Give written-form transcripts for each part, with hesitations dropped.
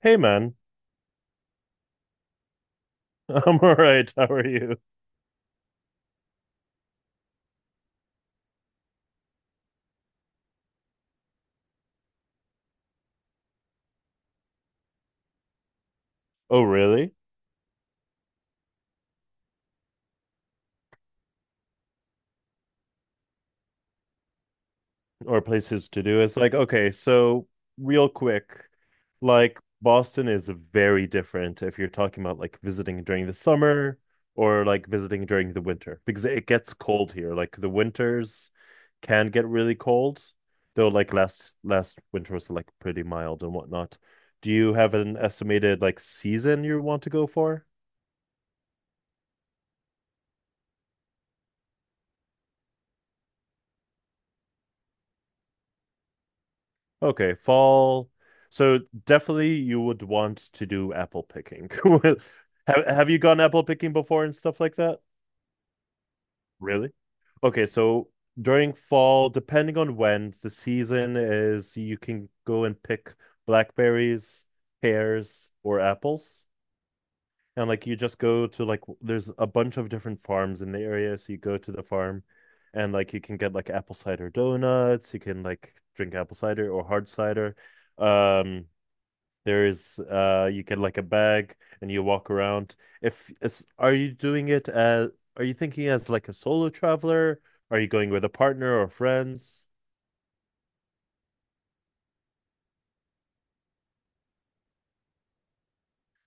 Hey man. I'm all right. How are you? Oh, really? Or places to do. It's like, okay, so real quick, like Boston is very different if you're talking about like visiting during the summer or like visiting during the winter because it gets cold here. Like the winters can get really cold, though like last winter was like pretty mild and whatnot. Do you have an estimated like season you want to go for? Okay, fall. So definitely you would want to do apple picking. Have you gone apple picking before and stuff like that? Really? Okay, so during fall, depending on when the season is, you can go and pick blackberries, pears, or apples. And like you just go to like there's a bunch of different farms in the area, so you go to the farm and like you can get like apple cider donuts, you can like drink apple cider or hard cider. Um there's you get like a bag and you walk around. If is are you doing it as are you thinking as like a solo traveler? Are you going with a partner or friends?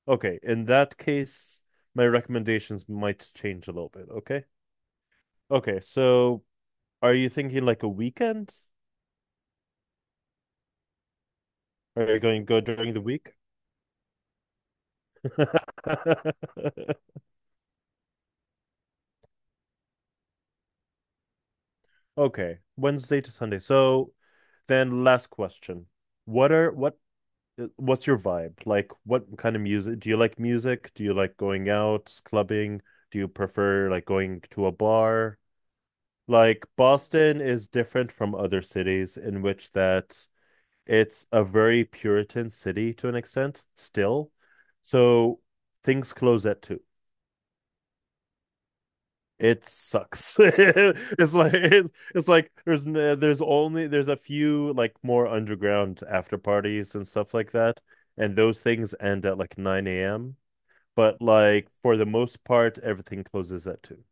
Okay, in that case, my recommendations might change a little bit, okay? Okay, so are you thinking like a weekend? Are you going to go during the week? Okay, Wednesday to Sunday. So then last question. What are what What's your vibe? Like, what kind of music? Do you like music? Do you like going out, clubbing? Do you prefer like going to a bar? Like, Boston is different from other cities in which that it's a very Puritan city to an extent still. So things close at two. It sucks. It's like there's there's only there's a few like more underground after parties and stuff like that, and those things end at like 9 a.m., but like for the most part, everything closes at two.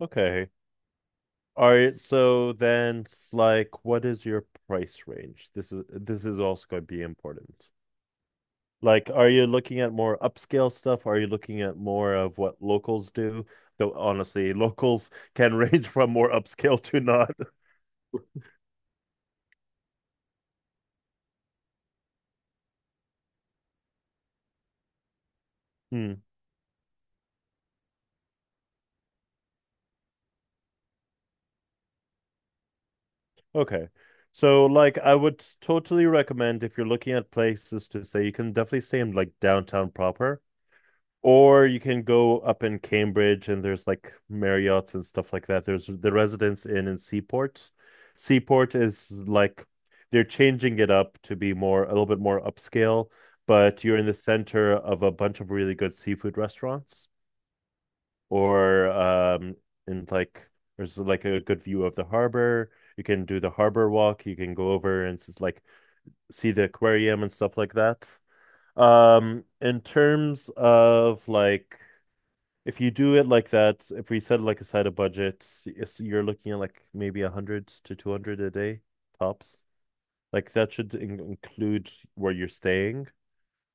Okay. All right, so then it's like what is your price range? This is also going to be important. Like, are you looking at more upscale stuff? Are you looking at more of what locals do? Though honestly, locals can range from more upscale to not. Hmm. Okay. So like I would totally recommend if you're looking at places to stay, you can definitely stay in like downtown proper. Or you can go up in Cambridge and there's like Marriott's and stuff like that. There's the Residence Inn in Seaport. Seaport is like they're changing it up to be more a little bit more upscale, but you're in the center of a bunch of really good seafood restaurants, or in like there's like a good view of the harbor. You can do the harbor walk, you can go over and like see the aquarium and stuff like that. In terms of like if you do it like that, if we set like aside a budget, it's, you're looking at like maybe 100 to 200 a day tops. Like that should in include where you're staying.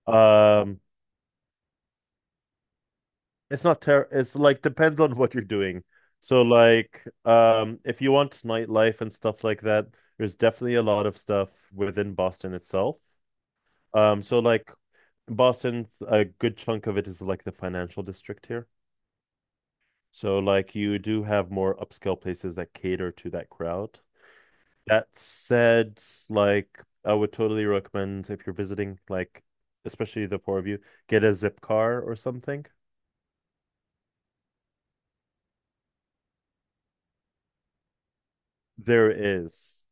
Um, it's not ter it's like depends on what you're doing. So like if you want nightlife and stuff like that, there's definitely a lot of stuff within Boston itself. Um, so like Boston, a good chunk of it is like the financial district here. So like you do have more upscale places that cater to that crowd. That said, like I would totally recommend if you're visiting, like especially the four of you, get a Zipcar or something. There is.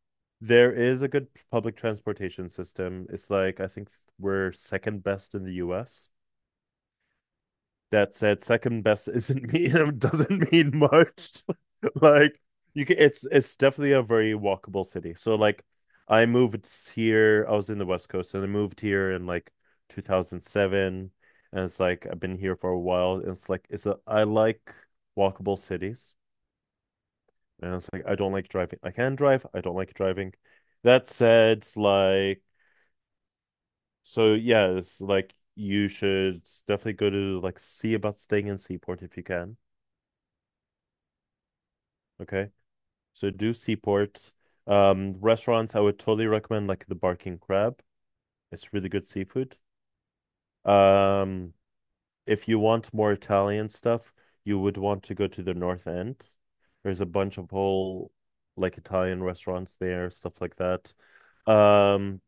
There is a good public transportation system. It's like I think we're second best in the US. That said, second best isn't mean doesn't mean much. like you can, it's definitely a very walkable city. So like I moved here, I was in the West Coast and I moved here in like 2007, and it's like I've been here for a while. And it's like it's a I like walkable cities. And it's like I don't like driving. I can drive, I don't like driving. That said, like so yeah, it's like you should definitely go to like see about staying in Seaport if you can. Okay. So do seaports. Restaurants, I would totally recommend like the Barking Crab. It's really good seafood. Um, if you want more Italian stuff, you would want to go to the North End. There's a bunch of whole like Italian restaurants there, stuff like that. Um,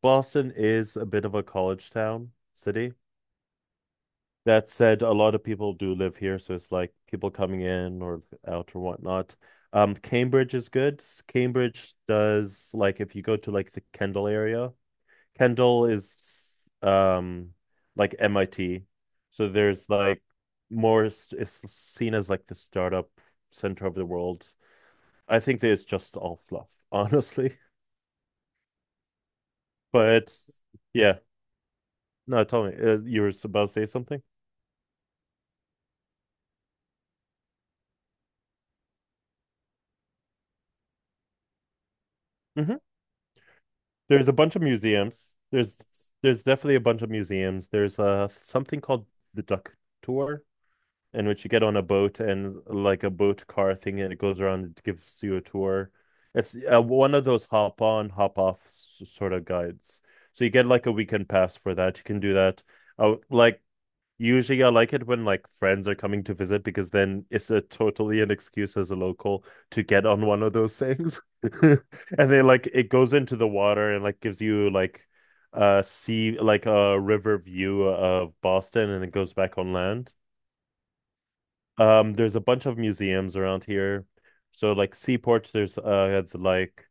Boston is a bit of a college town city. That said, a lot of people do live here, so it's like people coming in or out or whatnot. Cambridge is good. Cambridge does, like if you go to like the Kendall area, Kendall is like MIT. So there's like it's seen as like the startup center of the world. I think that it's just all fluff, honestly. But yeah, no, tell me, you were about to say something? Mhm. There's a bunch of museums. There's definitely a bunch of museums. There's something called the Duck Tour, in which you get on a boat and like a boat car thing, and it goes around and gives you a tour. It's one of those hop on, hop off sort of guides. So you get like a weekend pass for that. You can do that. Uh, like Usually, I like it when like friends are coming to visit because then it's a totally an excuse as a local to get on one of those things. And then like it goes into the water and like gives you like a sea like a river view of Boston, and it goes back on land. There's a bunch of museums around here. So like Seaport, there's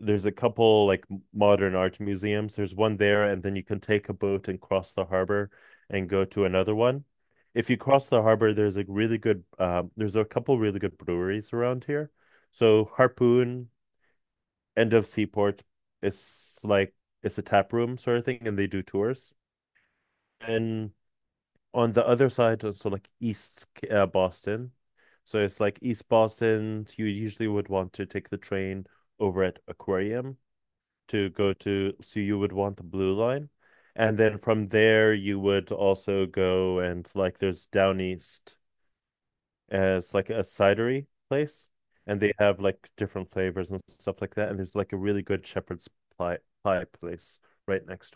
there's a couple like modern art museums. There's one there, and then you can take a boat and cross the harbor and go to another one. If you cross the harbor, there's a really good there's a couple really good breweries around here. So Harpoon, End of Seaport, it's like it's a tap room sort of thing, and they do tours. And on the other side, so like East Boston, so it's like East Boston. You usually would want to take the train over at Aquarium to go to, so you would want the blue line. And then from there, you would also go and like there's down east as like a cidery place, and they have like different flavors and stuff like that. And there's like a really good pie, pie place right next.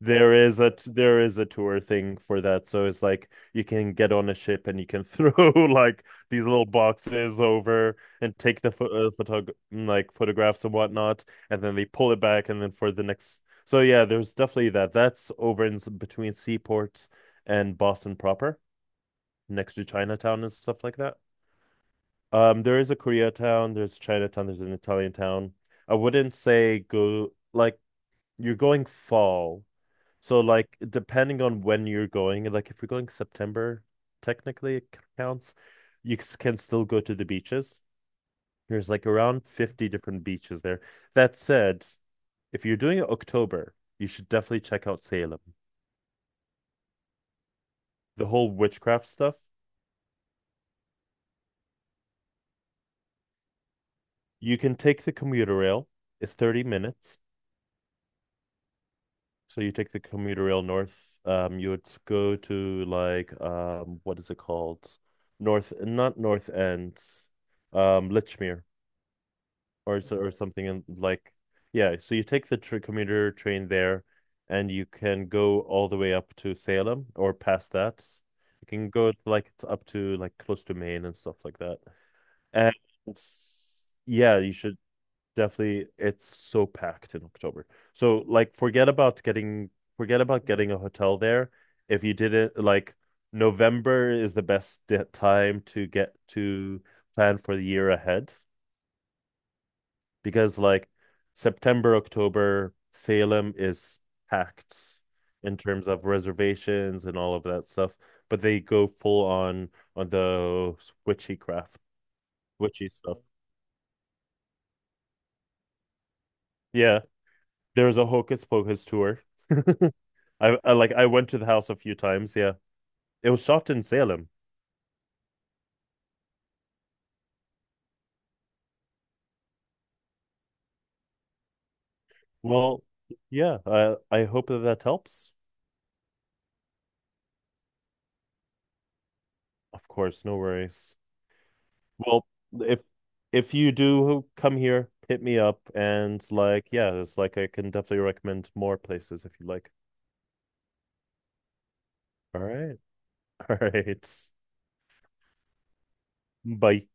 There is a tour thing for that. So it's like you can get on a ship and you can throw like these little boxes over and take the photographs and whatnot, and then they pull it back and then for the next. So yeah, there's definitely that. That's over in between seaports and Boston proper, next to Chinatown and stuff like that. There is a Koreatown, there's Chinatown, there's an Italian town. I wouldn't say go like you're going fall, so like depending on when you're going, like if you're going September, technically it counts. You can still go to the beaches. There's like around 50 different beaches there. That said, if you're doing it October, you should definitely check out Salem. The whole witchcraft stuff. You can take the commuter rail. It's 30 minutes. So you take the commuter rail north. You would go to like what is it called? North, not North End, Lichmere. Or so, or something in like yeah. So you take the tr commuter train there, and you can go all the way up to Salem or past that. You can go like up to like close to Maine and stuff like that. And yeah, you should definitely. It's so packed in October. So like, forget about getting a hotel there. If you didn't like, November is the best time to get to plan for the year ahead, because like September, October, Salem is packed in terms of reservations and all of that stuff, but they go full on the witchy craft, witchy stuff. Yeah, there's a Hocus Pocus tour. I went to the house a few times. Yeah, it was shot in Salem. Well, yeah, I hope that that helps. Of course, no worries. Well, if you do come here, hit me up and like, yeah, it's like I can definitely recommend more places if you like. All right. All right. Bye.